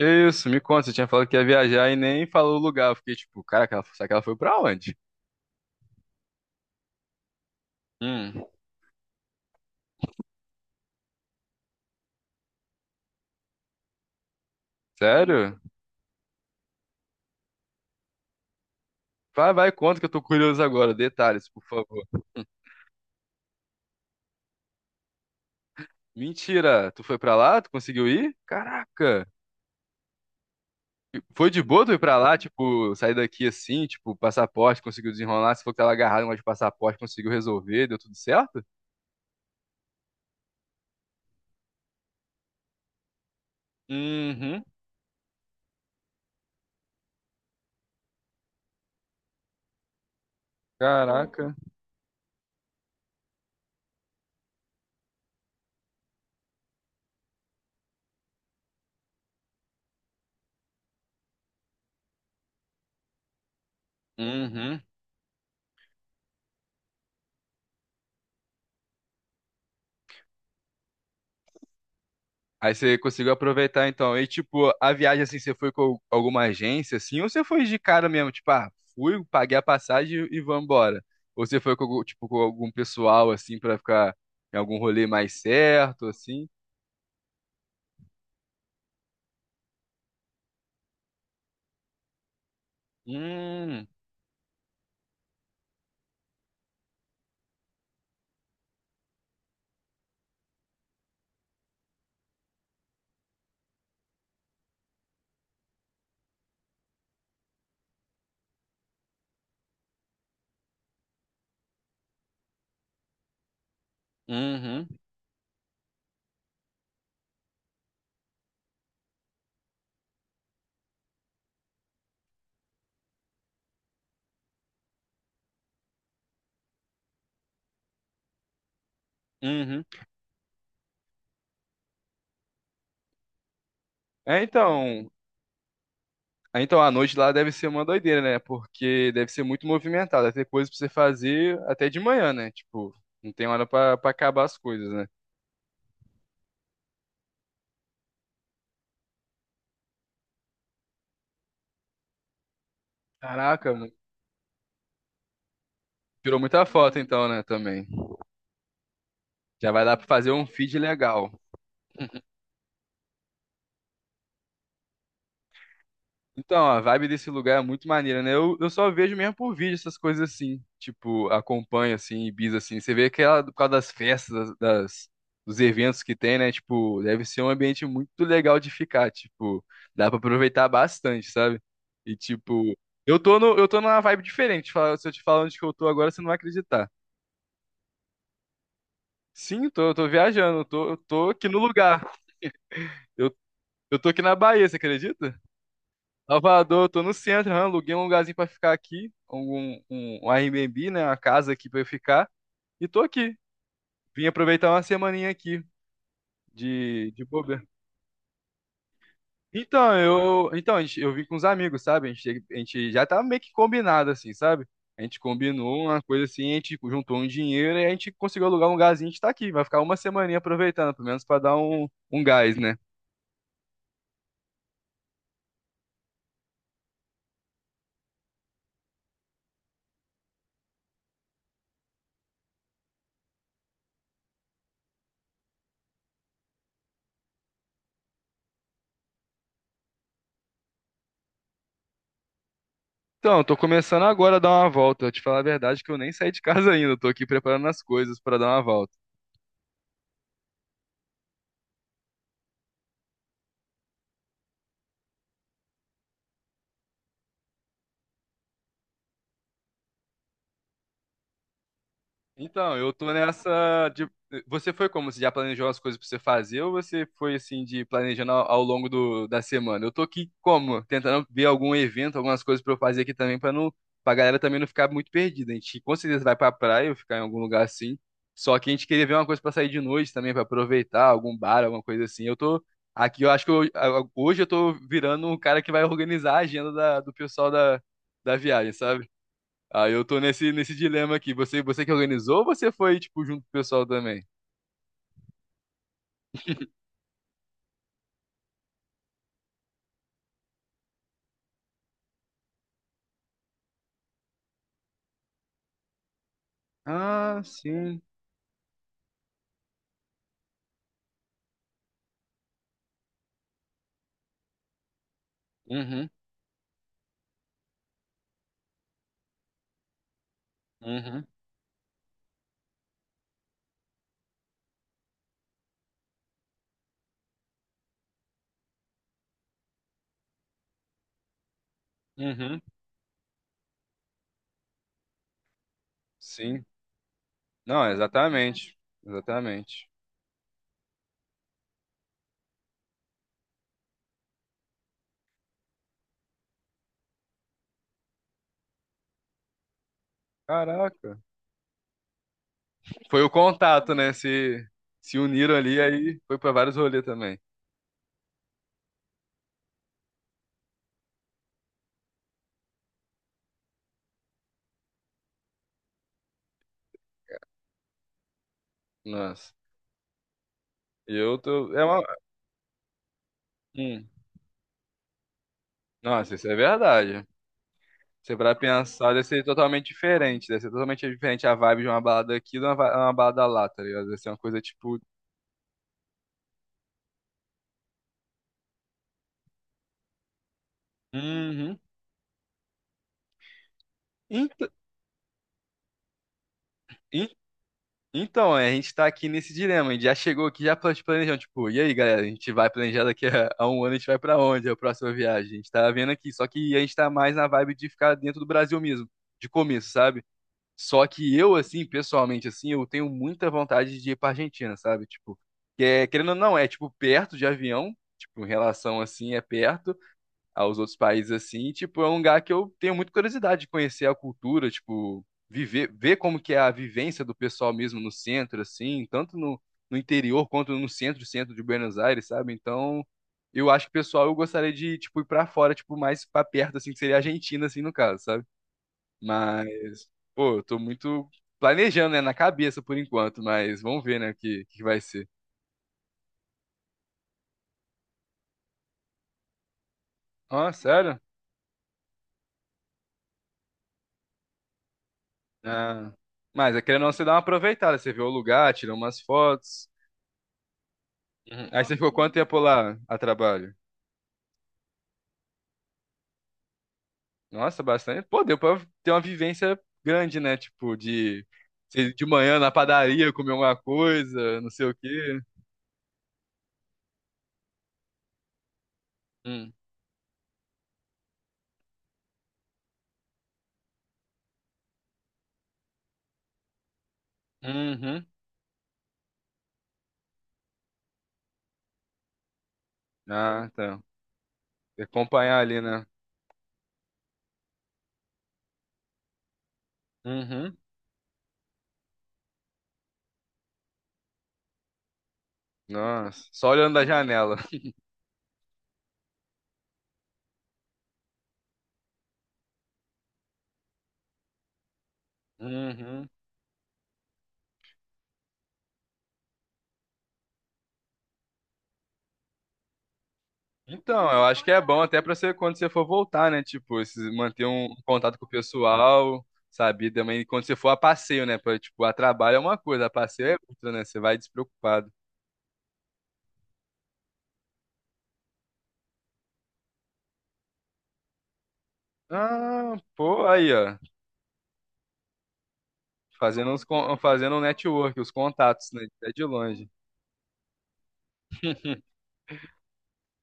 Isso, me conta, você tinha falado que ia viajar e nem falou o lugar. Eu fiquei tipo, caraca, será que ela foi pra onde? Hum, sério? Vai, vai, conta que eu tô curioso agora. Detalhes, por favor. Mentira, tu foi pra lá? Tu conseguiu ir? Caraca. E foi de boa tu ir pra lá? Tipo, sair daqui assim, tipo, passaporte, conseguiu desenrolar? Se for que tava agarrado mas de passaporte, conseguiu resolver, deu tudo certo? Uhum, caraca. Uhum. Aí você conseguiu aproveitar então. E tipo, a viagem assim, você foi com alguma agência assim, ou você foi de cara mesmo, tipo, ah, fui, paguei a passagem e vambora. Ou você foi com tipo com algum pessoal assim pra ficar em algum rolê mais certo assim? Hum, uhum, uhum. É, então, é, então, a noite lá deve ser uma doideira, né? Porque deve ser muito movimentada, deve ter coisa pra você fazer até de manhã, né? Tipo, não tem hora pra acabar as coisas, né? Caraca, mano. Tirou muita foto então, né, também. Já vai dar pra fazer um feed legal. Então, a vibe desse lugar é muito maneira, né? Eu só vejo mesmo por vídeo essas coisas assim. Tipo, acompanho assim, Ibiza assim. Você vê que ela, por causa das festas, dos eventos que tem, né? Tipo, deve ser um ambiente muito legal de ficar. Tipo, dá pra aproveitar bastante, sabe? E tipo, eu tô no, eu tô numa vibe diferente. Se eu te falar onde que eu tô agora, você não vai acreditar. Sim, tô, eu tô viajando, eu tô aqui no lugar. Eu, eu tô aqui na Bahia, você acredita? Salvador, tô no centro, aluguei um lugarzinho pra ficar aqui, um Airbnb, né, uma casa aqui pra eu ficar, e tô aqui. Vim aproveitar uma semaninha aqui de bobeira. Então, eu, então, a gente- eu vim com os amigos, sabe? A gente já tá meio que combinado, assim, sabe? A gente combinou uma coisa assim, a gente juntou um dinheiro e a gente conseguiu alugar um lugarzinho, a gente tá aqui. Vai ficar uma semaninha aproveitando, pelo menos pra dar um gás, né? Então, eu tô começando agora a dar uma volta. Eu te falar a verdade que eu nem saí de casa ainda, eu tô aqui preparando as coisas pra dar uma volta. Então, eu tô nessa de... Você foi como? Você já planejou as coisas pra você fazer ou você foi assim de planejando ao longo do, da semana? Eu tô aqui como? Tentando ver algum evento, algumas coisas pra eu fazer aqui também pra galera também não ficar muito perdida. A gente com certeza vai pra praia ou ficar em algum lugar assim. Só que a gente queria ver uma coisa pra sair de noite também, pra aproveitar, algum bar, alguma coisa assim. Eu tô aqui, eu acho que hoje eu tô virando um cara que vai organizar a agenda do pessoal da viagem, sabe? Aí eu tô nesse dilema aqui. Você que organizou ou você foi, tipo, junto com o pessoal também? Ah, sim. Uhum, uhum, uhum. Sim. Não, exatamente. Exatamente. Caraca. Foi o contato, né? Se uniram ali, aí foi pra vários rolês também. Nossa. E eu tô. É uma... Hum. Nossa, isso é verdade. Você pra pensar, deve ser totalmente diferente. Deve ser totalmente diferente a vibe de uma balada aqui de uma balada lá, tá ligado? Deve ser uma coisa tipo. Uhum. Ent- Então, Então, é, a gente tá aqui nesse dilema. A gente já chegou aqui, já planejando. Tipo, e aí, galera? A gente vai planejar daqui a um ano, a gente vai pra onde? É a próxima viagem. A gente tá vendo aqui. Só que a gente tá mais na vibe de ficar dentro do Brasil mesmo, de começo, sabe? Só que eu, assim, pessoalmente, assim, eu tenho muita vontade de ir pra Argentina, sabe? Tipo, querendo ou não, é tipo perto de avião. Tipo, em relação assim, é perto aos outros países assim, e, tipo, é um lugar que eu tenho muita curiosidade de conhecer a cultura, tipo, viver, ver como que é a vivência do pessoal mesmo no centro assim, tanto no interior quanto no centro, centro de Buenos Aires, sabe? Então, eu acho que pessoal, eu gostaria de tipo ir pra fora, tipo, mais pra perto assim, que seria a Argentina assim no caso, sabe? Mas, pô, eu tô muito planejando, né, na cabeça por enquanto, mas vamos ver, né, o que que vai ser. Ah, sério? Ah, mas é querendo ou não, você dá uma aproveitada, você vê o lugar, tira umas fotos. Uhum. Aí você ficou quanto tempo lá a trabalho? Nossa, bastante. Pô, deu pra ter uma vivência grande, né? Tipo, de você ir de manhã na padaria comer alguma coisa, não sei o quê. Hum. Uhum. Ah, tá. Tem que acompanhar ali, né? Uhum. Nossa, só olhando da janela. Uhum. Então, eu acho que é bom até pra você, quando você for voltar, né? Tipo, manter um contato com o pessoal, sabe? E também quando você for a passeio, né? Pra, tipo, a trabalho é uma coisa, a passeio é outra, né? Você vai despreocupado. Ah, pô, aí, ó. Fazendo um network, os contatos, né? Até de longe.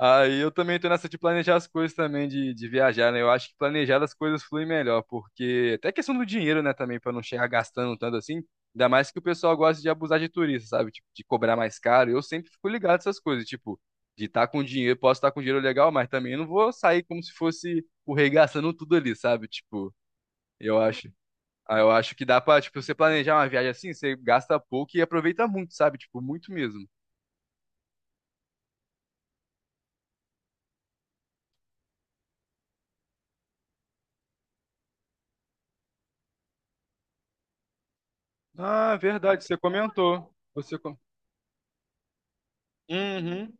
Aí eu também tô nessa de planejar as coisas também, de viajar, né? Eu acho que planejar as coisas flui melhor, porque até questão do dinheiro, né, também, pra não chegar gastando tanto assim. Ainda mais que o pessoal gosta de abusar de turista, sabe? Tipo, de cobrar mais caro. Eu sempre fico ligado nessas coisas, tipo, de estar com dinheiro, posso estar com dinheiro legal, mas também não vou sair como se fosse o rei gastando tudo ali, sabe? Tipo, eu acho Ah, eu acho que dá pra, tipo, você planejar uma viagem assim, você gasta pouco e aproveita muito, sabe? Tipo, muito mesmo. Ah, verdade, você comentou. Você com... Uhum.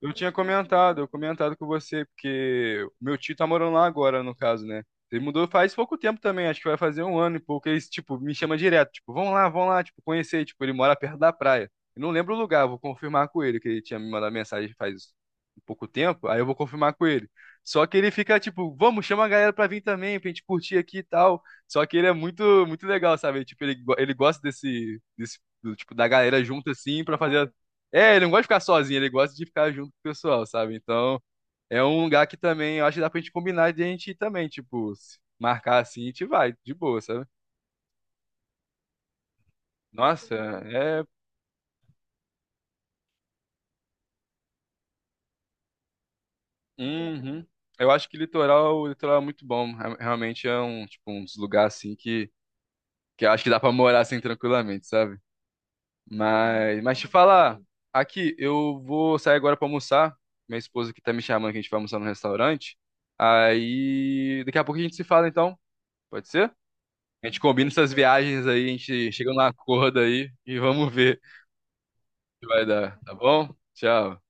Eu comentado com você, porque o meu tio tá morando lá agora, no caso, né? Ele mudou faz pouco tempo também, acho que vai fazer um ano e pouco. Ele, tipo, me chama direto, tipo, vamos lá, tipo, conhecer. Tipo, ele mora perto da praia. Eu não lembro o lugar, vou confirmar com ele, que ele tinha me mandado mensagem faz um pouco tempo, aí eu vou confirmar com ele. Só que ele fica, tipo, vamos, chama a galera pra vir também, pra gente curtir aqui e tal. Só que ele é muito, muito legal, sabe? Tipo, ele gosta do, tipo, da galera junto, assim, pra fazer. Ele não gosta de ficar sozinho, ele gosta de ficar junto com o pessoal, sabe? Então, é um lugar que também eu acho que dá pra gente combinar de a gente ir também, tipo, se marcar assim, a gente vai, de boa, sabe? Nossa, é. Uhum. Eu acho que o litoral é muito bom. Realmente é um, tipo, um dos lugares assim que eu acho que dá pra morar assim tranquilamente, sabe? Mas, te falar, aqui, eu vou sair agora pra almoçar. Minha esposa aqui tá me chamando que a gente vai almoçar no restaurante. Aí, daqui a pouco a gente se fala então, pode ser? A gente combina essas viagens aí, a gente chega num acordo aí e vamos ver o que vai dar, tá bom? Tchau.